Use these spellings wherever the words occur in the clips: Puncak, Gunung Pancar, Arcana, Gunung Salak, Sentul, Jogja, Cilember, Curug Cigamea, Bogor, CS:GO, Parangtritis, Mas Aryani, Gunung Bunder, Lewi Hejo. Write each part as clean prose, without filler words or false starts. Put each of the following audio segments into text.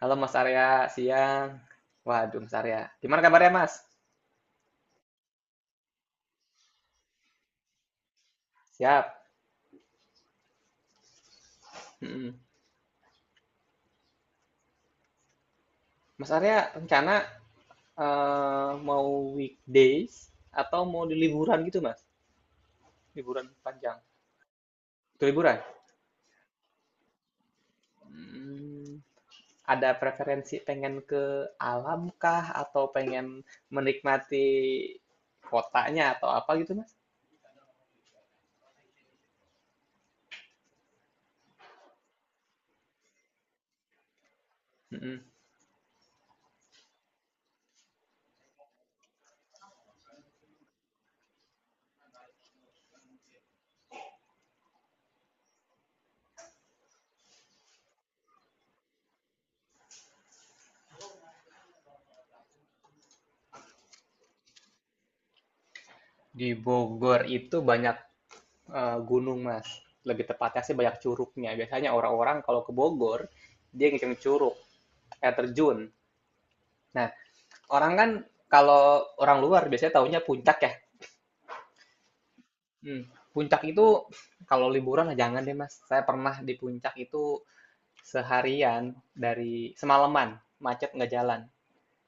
Halo Mas Arya, siang. Waduh Mas Arya, gimana kabarnya Mas? Siap. Mm-mm. Mas Arya rencana mau weekdays atau mau di liburan gitu Mas? Liburan panjang. Ke liburan? Hmm, ada preferensi pengen ke alam kah atau pengen menikmati kotanya atau apa gitu Mas? Mm-mm. Di Bogor itu banyak gunung, Mas. Lebih tepatnya sih banyak curugnya. Biasanya orang-orang kalau ke Bogor, dia ngeceng curug, air terjun. Nah, orang kan kalau orang luar biasanya taunya puncak ya. Hmm, puncak itu kalau liburan ah jangan deh, Mas. Saya pernah di puncak itu seharian dari semalaman, macet nggak jalan.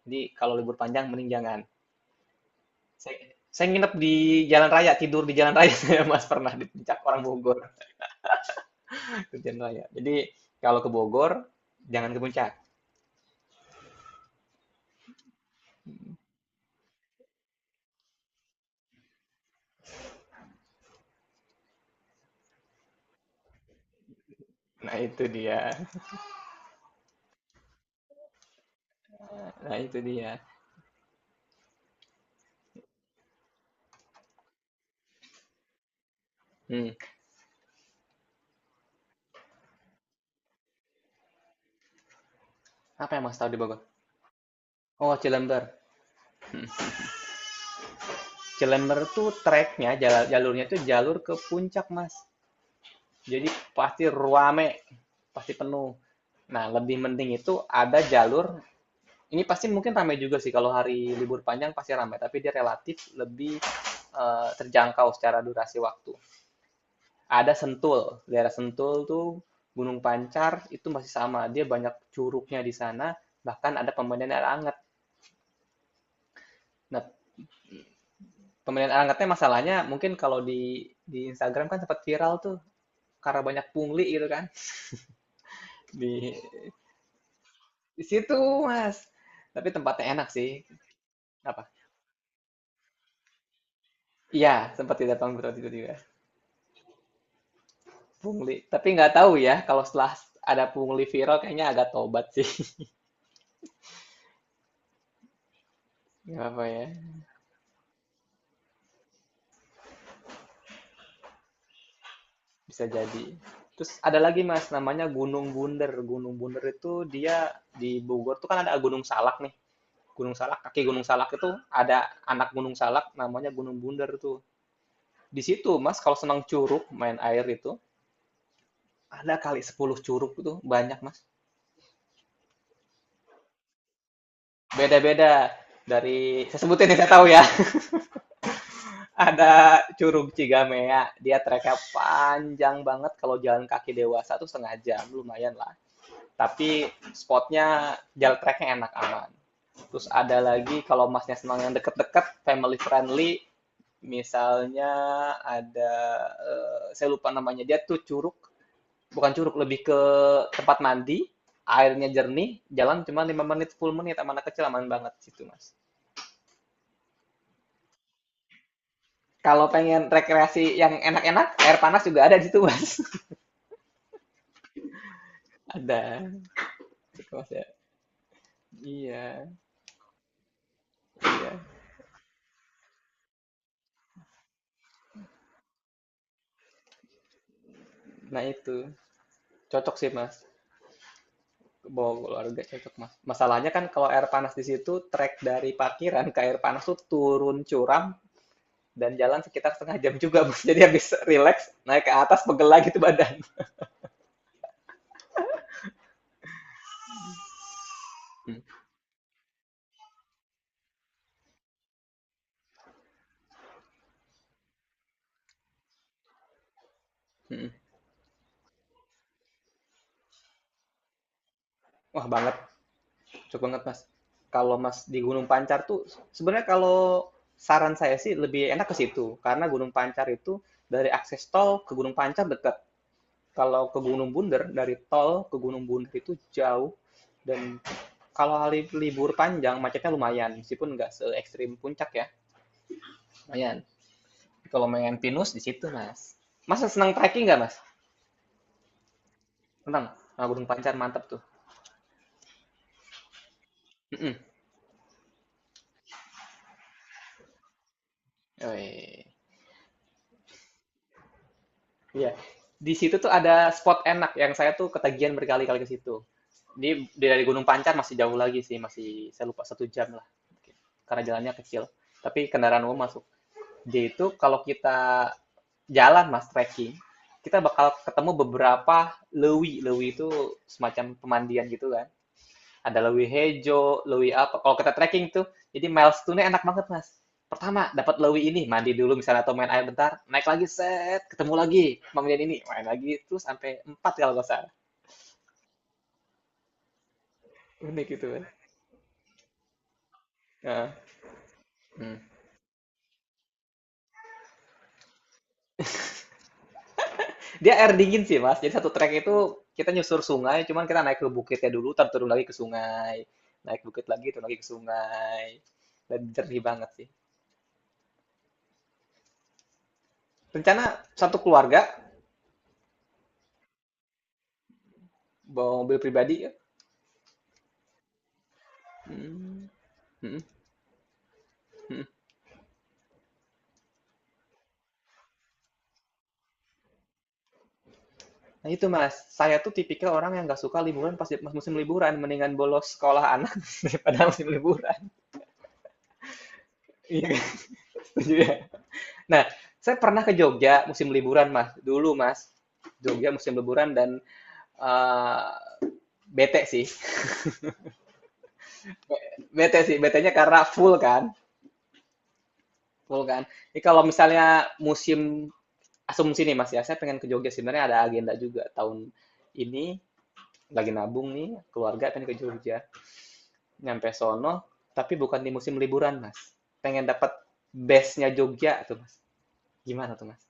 Jadi kalau libur panjang mending jangan. Saya saya nginep di jalan raya, tidur di jalan raya saya, Mas, pernah di puncak, orang Bogor, di jalan raya. Jadi kalau ke Bogor jangan ke puncak. Nah itu dia, nah itu dia. Hmm. Apa yang Mas tahu di Bogor? Oh, Cilember. Hmm. Cilember tuh treknya, jalurnya tuh jalur ke puncak Mas. Jadi pasti ruame, pasti penuh. Nah lebih penting itu ada jalur. Ini pasti mungkin ramai juga sih kalau hari libur panjang pasti ramai, tapi dia relatif lebih terjangkau secara durasi waktu. Ada Sentul, daerah Sentul tuh Gunung Pancar itu masih sama, dia banyak curugnya di sana, bahkan ada pemandian air hangat. Nah, pemilihan alatnya masalahnya mungkin kalau di Instagram kan sempat viral tuh karena banyak pungli gitu kan. Di di situ, Mas. Tapi tempatnya enak sih. Apa? Iya, sempat tidak betul tiba-tiba. Pungli. Tapi nggak tahu ya kalau setelah ada pungli viral kayaknya agak tobat sih. Nggak apa ya. Bisa jadi. Terus ada lagi mas, namanya Gunung Bunder. Gunung Bunder itu dia di Bogor tuh kan ada Gunung Salak nih. Gunung Salak, kaki Gunung Salak itu ada anak Gunung Salak namanya Gunung Bunder tuh. Di situ Mas kalau senang curug, main air itu, ada kali 10 curug itu banyak Mas. Beda-beda dari saya sebutin yang saya tahu ya. Ada curug Cigamea, dia treknya panjang banget kalau jalan kaki dewasa tuh setengah jam, lumayan lah. Tapi spotnya jalan treknya enak aman. Terus ada lagi kalau masnya senang yang deket-deket, family friendly, misalnya ada saya lupa namanya dia tuh curug bukan curug lebih ke tempat mandi, airnya jernih, jalan cuma 5 menit, 10 menit sama anak kecil aman banget situ, Mas. Kalau pengen rekreasi yang enak-enak, air panas juga ada di situ, Mas. ada. Gitu, Mas ya. Iya, iya. Nah, itu. Cocok sih, Mas. Bawa keluarga cocok, Mas. Masalahnya kan kalau air panas di situ, trek dari parkiran ke air panas tuh turun curam dan jalan sekitar setengah jam juga, Mas. Jadi habis relax, naik ke atas, pegel lagi tuh badan. Hmm, hmm. Wah, banget. Cocok banget, Mas. Kalau Mas di Gunung Pancar tuh sebenarnya kalau saran saya sih lebih enak ke situ, karena Gunung Pancar itu dari akses tol ke Gunung Pancar dekat. Kalau ke Gunung Bunder, dari tol ke Gunung Bunder itu jauh. Dan kalau hari libur panjang, macetnya lumayan. Meskipun nggak se ekstrim puncak ya, lumayan. Kalau main pinus di situ, Mas. Mas senang trekking nggak, Mas? Senang? Nah, Gunung Pancar mantap tuh. Mm-mm. Iya. Di situ tuh ada spot enak yang saya tuh ketagihan berkali-kali ke situ. Ini dari Gunung Pancar masih jauh lagi sih, masih saya lupa 1 jam lah. Karena jalannya kecil. Tapi kendaraan umum masuk. Jadi itu kalau kita jalan mas trekking, kita bakal ketemu beberapa lewi. Lewi itu semacam pemandian gitu kan. Ada Lewi Hejo, Lewi apa, kalau kita trekking tuh, jadi milestone-nya enak banget, Mas. Pertama, dapat Lewi ini, mandi dulu misalnya atau main air bentar, naik lagi, set, ketemu lagi, bangunin ini, main lagi, terus sampai 4 kalau nggak salah. Unik gitu kan. Nah, hmm. Dia air dingin sih, Mas. Jadi satu trek itu kita nyusur sungai, cuman kita naik ke bukitnya dulu, ntar turun lagi ke sungai. Naik bukit lagi, turun lagi ke sungai. Dan jernih banget sih. Rencana satu keluarga, bawa mobil pribadi ya? Hmm. Hmm. Hmm. Nah itu Mas, saya tuh tipikal orang yang nggak suka liburan pas pas musim liburan, mendingan bolos sekolah anak daripada musim liburan. Iya kan? Setuju ya? Nah, saya pernah ke Jogja musim liburan Mas, dulu Mas. Jogja musim liburan dan eh, bete sih. Be- Bete sih, betenya karena full kan, full kan. Jadi kalau misalnya musim asumsi nih Mas ya, saya pengen ke Jogja sebenarnya ada agenda juga tahun ini lagi nabung nih keluarga pengen ke Jogja. Nyampe sono, tapi bukan di musim liburan, Mas. Pengen dapat bestnya Jogja tuh, Mas. Gimana tuh, Mas?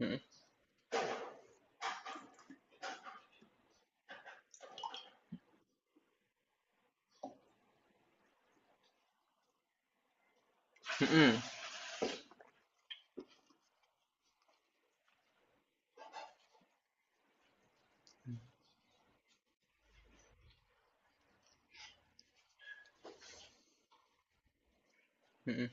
Mm-mm. Mm-mm. Mm-mm.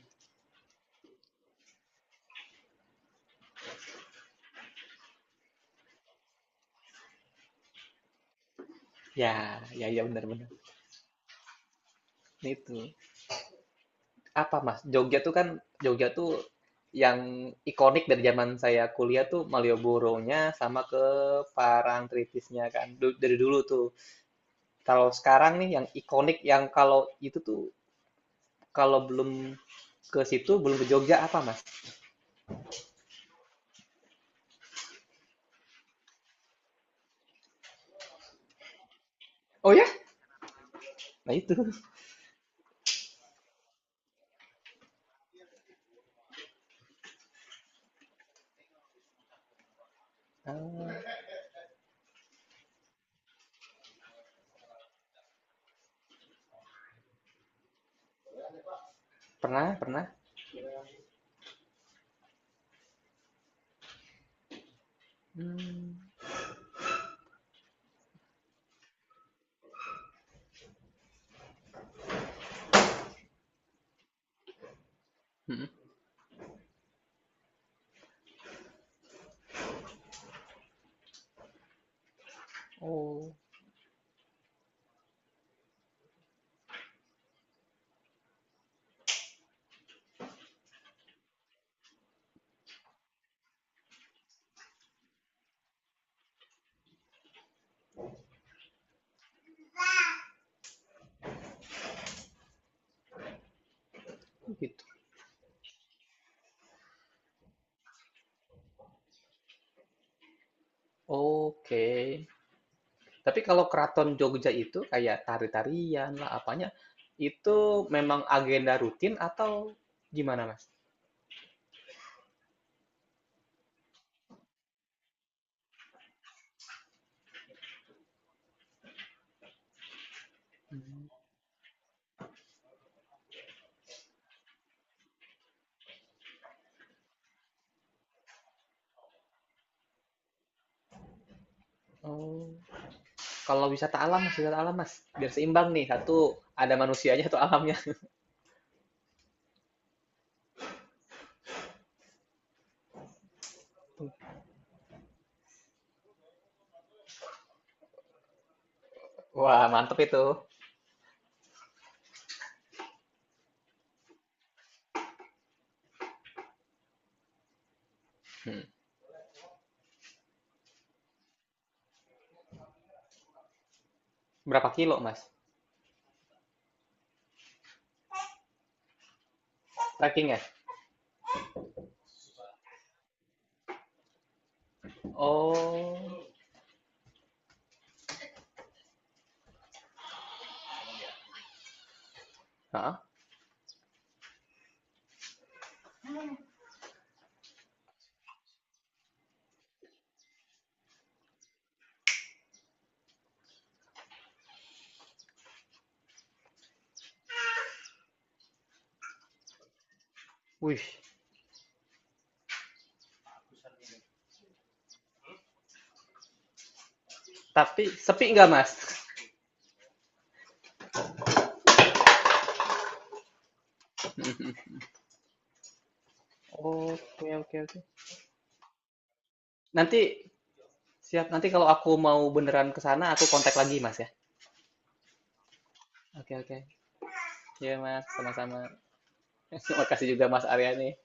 Ya, ya, ya benar-benar. Itu. Apa, Mas? Jogja tuh kan, Jogja tuh yang ikonik dari zaman saya kuliah tuh Malioboro-nya sama ke Parangtritisnya kan. Dari dulu tuh. Kalau sekarang nih yang ikonik yang kalau itu tuh kalau belum ke situ belum ke Jogja apa, Mas? Oh ya? Nah itu. Ah, pernah, pernah. Mmm, mhm. Oh, gitu. Oke. Tapi kalau keraton Jogja itu kayak tari-tarian lah, apanya, itu memang agenda rutin atau gimana, Mas? Mmm, oh. Kalau wisata alam, Mas, biar seimbang nih, satu ada manusianya, atau alamnya. Wah, mantep itu. Mhm. Berapa kilo, Mas, trekkingnya? Oh, hah? Wih, tapi sepi nggak, Mas? Oke, oke, oke. Nanti. Siap, nanti kalau aku mau beneran ke sana, aku kontak lagi, Mas, ya. Oke, oke. Iya, Mas, sama-sama. Terima kasih juga Mas Aryani.